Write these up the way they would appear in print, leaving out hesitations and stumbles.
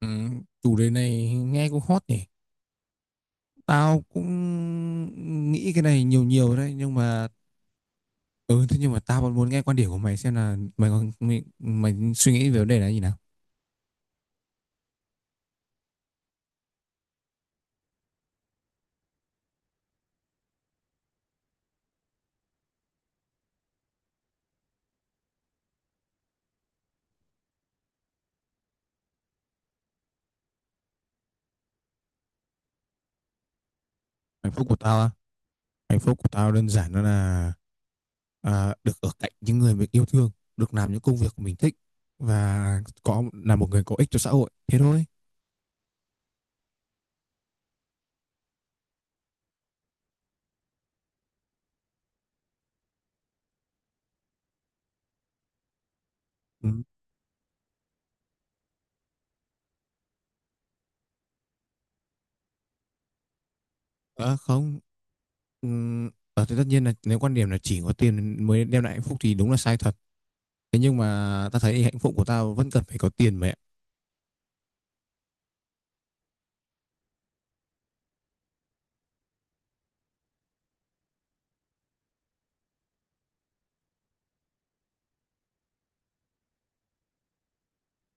Ừ, chủ đề này nghe cũng hot nhỉ. Tao cũng nghĩ cái này nhiều nhiều đấy nhưng mà ừ thế nhưng mà tao vẫn muốn nghe quan điểm của mày xem là mày suy nghĩ về vấn đề này như nào. Hạnh phúc của tao á, hạnh phúc của tao đơn giản đó là được ở cạnh những người mình yêu thương, được làm những công việc của mình thích và có là một người có ích cho xã hội. Thế thôi. Ừ. Ờ, không Ừ, ờ, thì tất nhiên là nếu quan điểm là chỉ có tiền mới đem lại hạnh phúc thì đúng là sai thật. Thế nhưng mà ta thấy hạnh phúc của tao vẫn cần phải có tiền mẹ.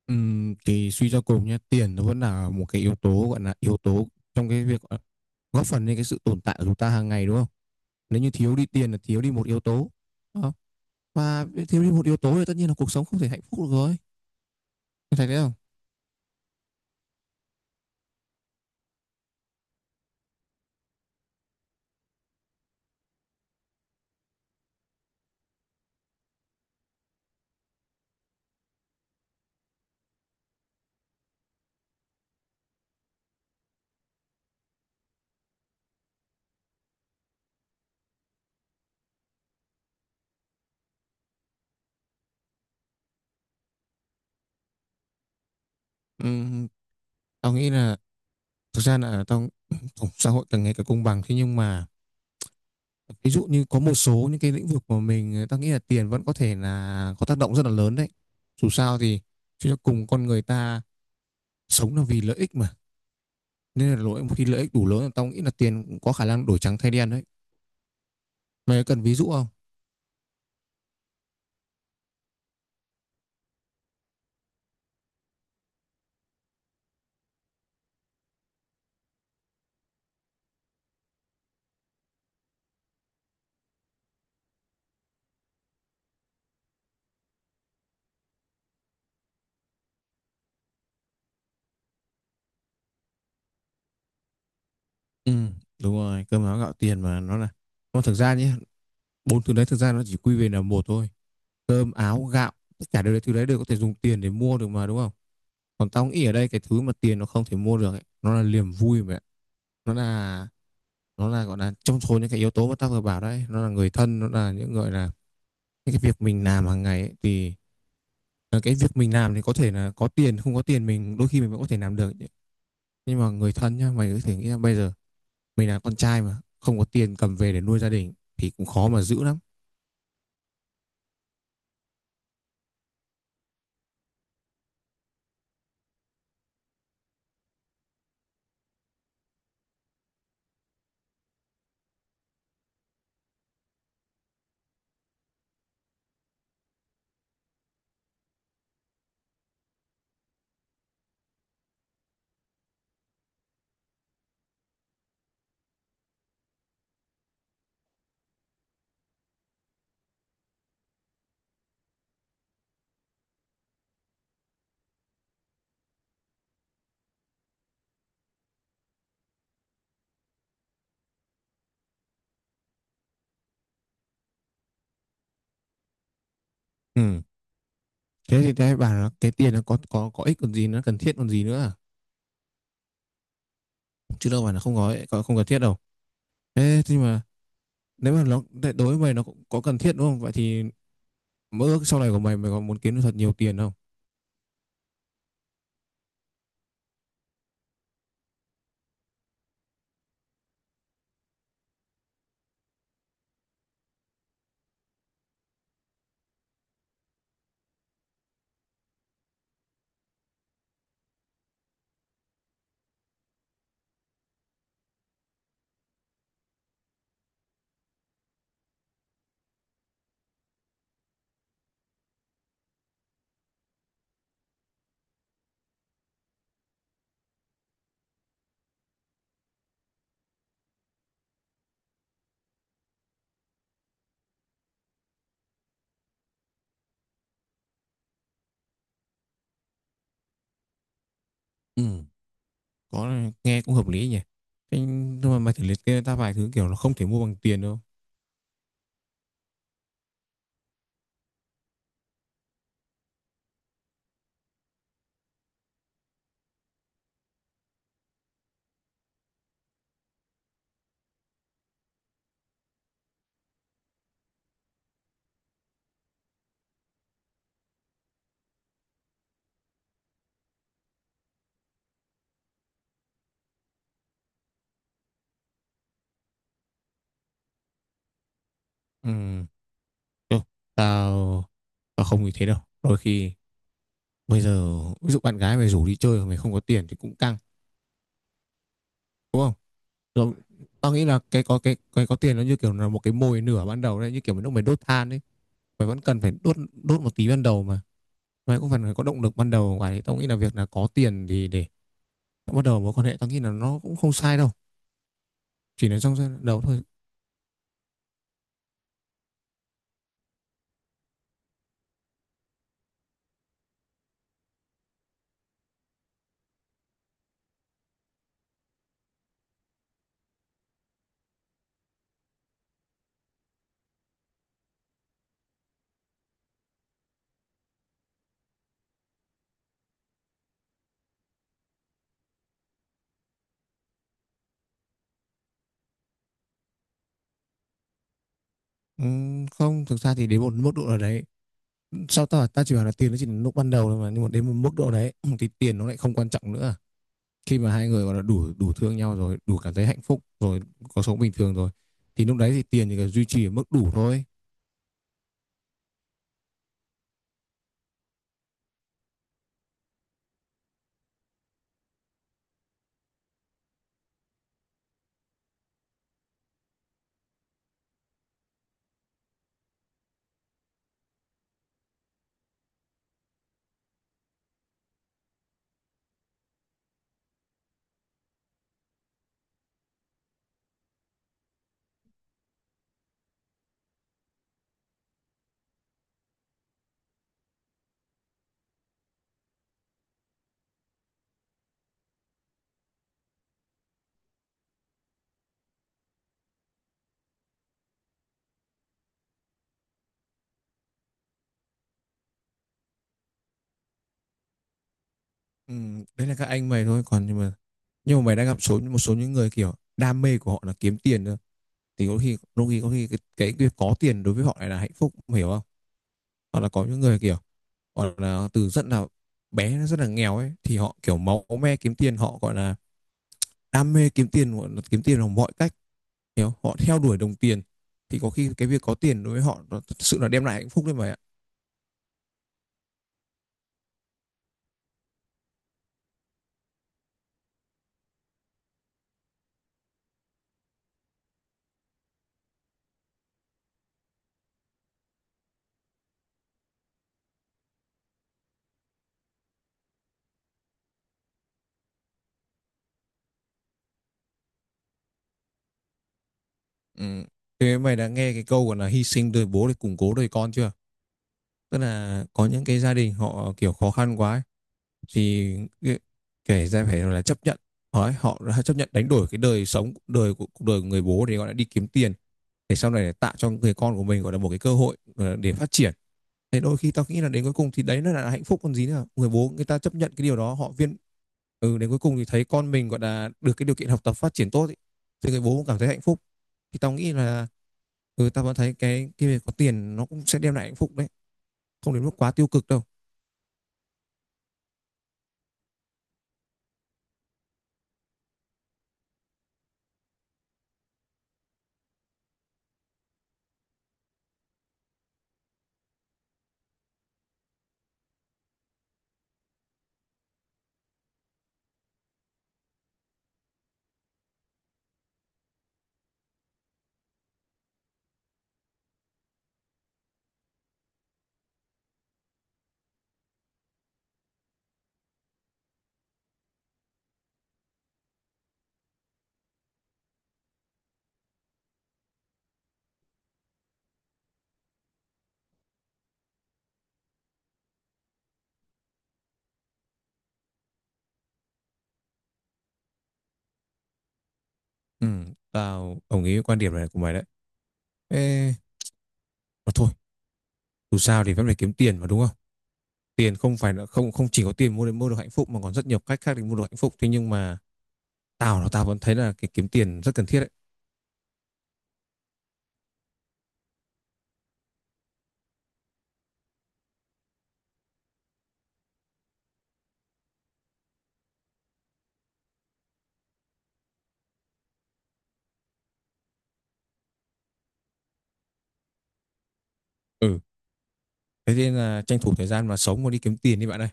Thì suy cho cùng nhé, tiền nó vẫn là một cái yếu tố gọi là yếu tố trong cái việc góp phần lên cái sự tồn tại của chúng ta hàng ngày đúng không? Nếu như thiếu đi tiền là thiếu đi một yếu tố. Đúng không? Và thiếu đi một yếu tố thì tất nhiên là cuộc sống không thể hạnh phúc được rồi. Mày thấy thế không? Ừm, tao nghĩ là thực ra là tao xã hội càng ngày càng công bằng, thế nhưng mà ví dụ như có một số những cái lĩnh vực mà ta nghĩ là tiền vẫn có thể là có tác động rất là lớn đấy. Dù sao thì chúng ta cùng con người ta sống là vì lợi ích mà, nên là lỗi khi lợi ích đủ lớn là tao nghĩ là tiền cũng có khả năng đổi trắng thay đen đấy. Mày cần ví dụ không? Ừ, đúng rồi, cơm áo gạo tiền mà nó là. Nó thực ra nhé, bốn thứ đấy thực ra nó chỉ quy về là một thôi, cơm áo gạo, tất cả đều thứ đấy đều có thể dùng tiền để mua được mà đúng không? Còn tao nghĩ ở đây cái thứ mà tiền nó không thể mua được ấy, nó là niềm vui mà, nó là nó là gọi là trong số những cái yếu tố mà ta vừa bảo đấy, nó là người thân, nó là những gọi là những cái việc mình làm hàng ngày ấy, thì cái việc mình làm thì có thể là có tiền không có tiền mình đôi khi mình vẫn có thể làm được, nhưng mà người thân nhá, mày có thể nghĩ là bây giờ mình là con trai mà không có tiền cầm về để nuôi gia đình thì cũng khó mà giữ lắm. Ừ. Thế thì cái bảo là cái tiền nó có ích còn gì, nó cần thiết còn gì nữa à? Chứ đâu phải là không không cần thiết đâu. Thế nhưng mà nếu mà nó đối với mày nó cũng có cần thiết đúng không, vậy thì mơ ước sau này của mày mày có muốn kiếm được thật nhiều tiền không? Ừ. Có, nghe cũng hợp lý nhỉ. Thế nhưng mà mày thử liệt kê ta vài thứ kiểu nó không thể mua bằng tiền đâu. Ừ, thôi, tao tao không như thế đâu, đôi khi bây giờ ví dụ bạn gái mày rủ đi chơi mà mày không có tiền thì cũng căng, đúng không? Rồi, tao nghĩ là cái có cái có tiền nó như kiểu là một cái mồi nửa ban đầu đấy, như kiểu mình lúc mày đốt than đấy, mày vẫn cần phải đốt đốt một tí ban đầu mà, mày cũng phải có động lực ban đầu ngoài đấy. Tao nghĩ là việc là có tiền thì để bắt đầu mối quan hệ tao nghĩ là nó cũng không sai đâu, chỉ là trong đầu thôi. Không thực ra thì đến một mức độ nào đấy, sao ta ta chỉ bảo là tiền nó chỉ là lúc ban đầu thôi mà, nhưng mà đến một mức độ đấy thì tiền nó lại không quan trọng nữa. Khi mà hai người gọi là đủ đủ thương nhau rồi, đủ cảm thấy hạnh phúc rồi, có sống bình thường rồi, thì lúc đấy thì tiền chỉ cần duy trì ở mức đủ thôi. Đấy là các anh mày thôi, còn nhưng mà mày đã gặp số một số những người kiểu đam mê của họ là kiếm tiền thôi, thì có khi việc có tiền đối với họ lại là hạnh phúc, mày hiểu không? Hoặc là có những người kiểu gọi là từ rất là bé, rất là nghèo ấy, thì họ kiểu máu me kiếm tiền, họ gọi là đam mê kiếm tiền, gọi là kiếm tiền bằng mọi cách, hiểu họ theo đuổi đồng tiền, thì có khi cái việc có tiền đối với họ nó thật sự là đem lại hạnh phúc đấy mày ạ. Ừ. Thế mày đã nghe cái câu gọi là hy sinh đời bố để củng cố đời con chưa? Tức là có những cái gia đình họ kiểu khó khăn quá ấy, thì kể ra phải là chấp nhận. Đấy, họ đã chấp nhận đánh đổi cái đời sống đời của cuộc đời của người bố để gọi là đi kiếm tiền, để sau này để tạo cho người con của mình gọi là một cái cơ hội để phát triển. Thế đôi khi tao nghĩ là đến cuối cùng thì đấy nó là hạnh phúc còn gì nữa, người bố người ta chấp nhận cái điều đó họ viên. Ừ, đến cuối cùng thì thấy con mình gọi là được cái điều kiện học tập phát triển tốt ý, thì người bố cũng cảm thấy hạnh phúc. Thì tao nghĩ là, ừ tao vẫn thấy cái việc có tiền nó cũng sẽ đem lại hạnh phúc đấy, không đến mức quá tiêu cực đâu. Ừ, tao đồng ý với quan điểm này của mày đấy. Ê, mà thôi, dù sao thì vẫn phải kiếm tiền mà đúng không? Tiền không phải là không không chỉ có tiền để mua được hạnh phúc mà còn rất nhiều cách khác để mua được hạnh phúc. Thế nhưng mà tao vẫn thấy là cái kiếm tiền rất cần thiết đấy. Ừ, thế nên là tranh thủ thời gian mà sống mà đi kiếm tiền đi bạn ơi.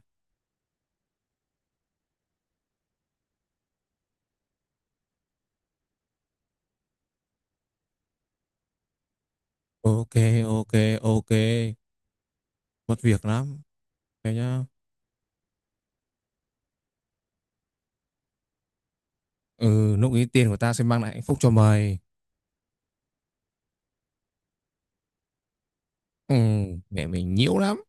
Ok, ok, ok. Mất việc lắm. Thế nhá. Ừ, lúc ý tiền của ta sẽ mang lại hạnh phúc cho mày. Ừ, mẹ mình nhiễu lắm.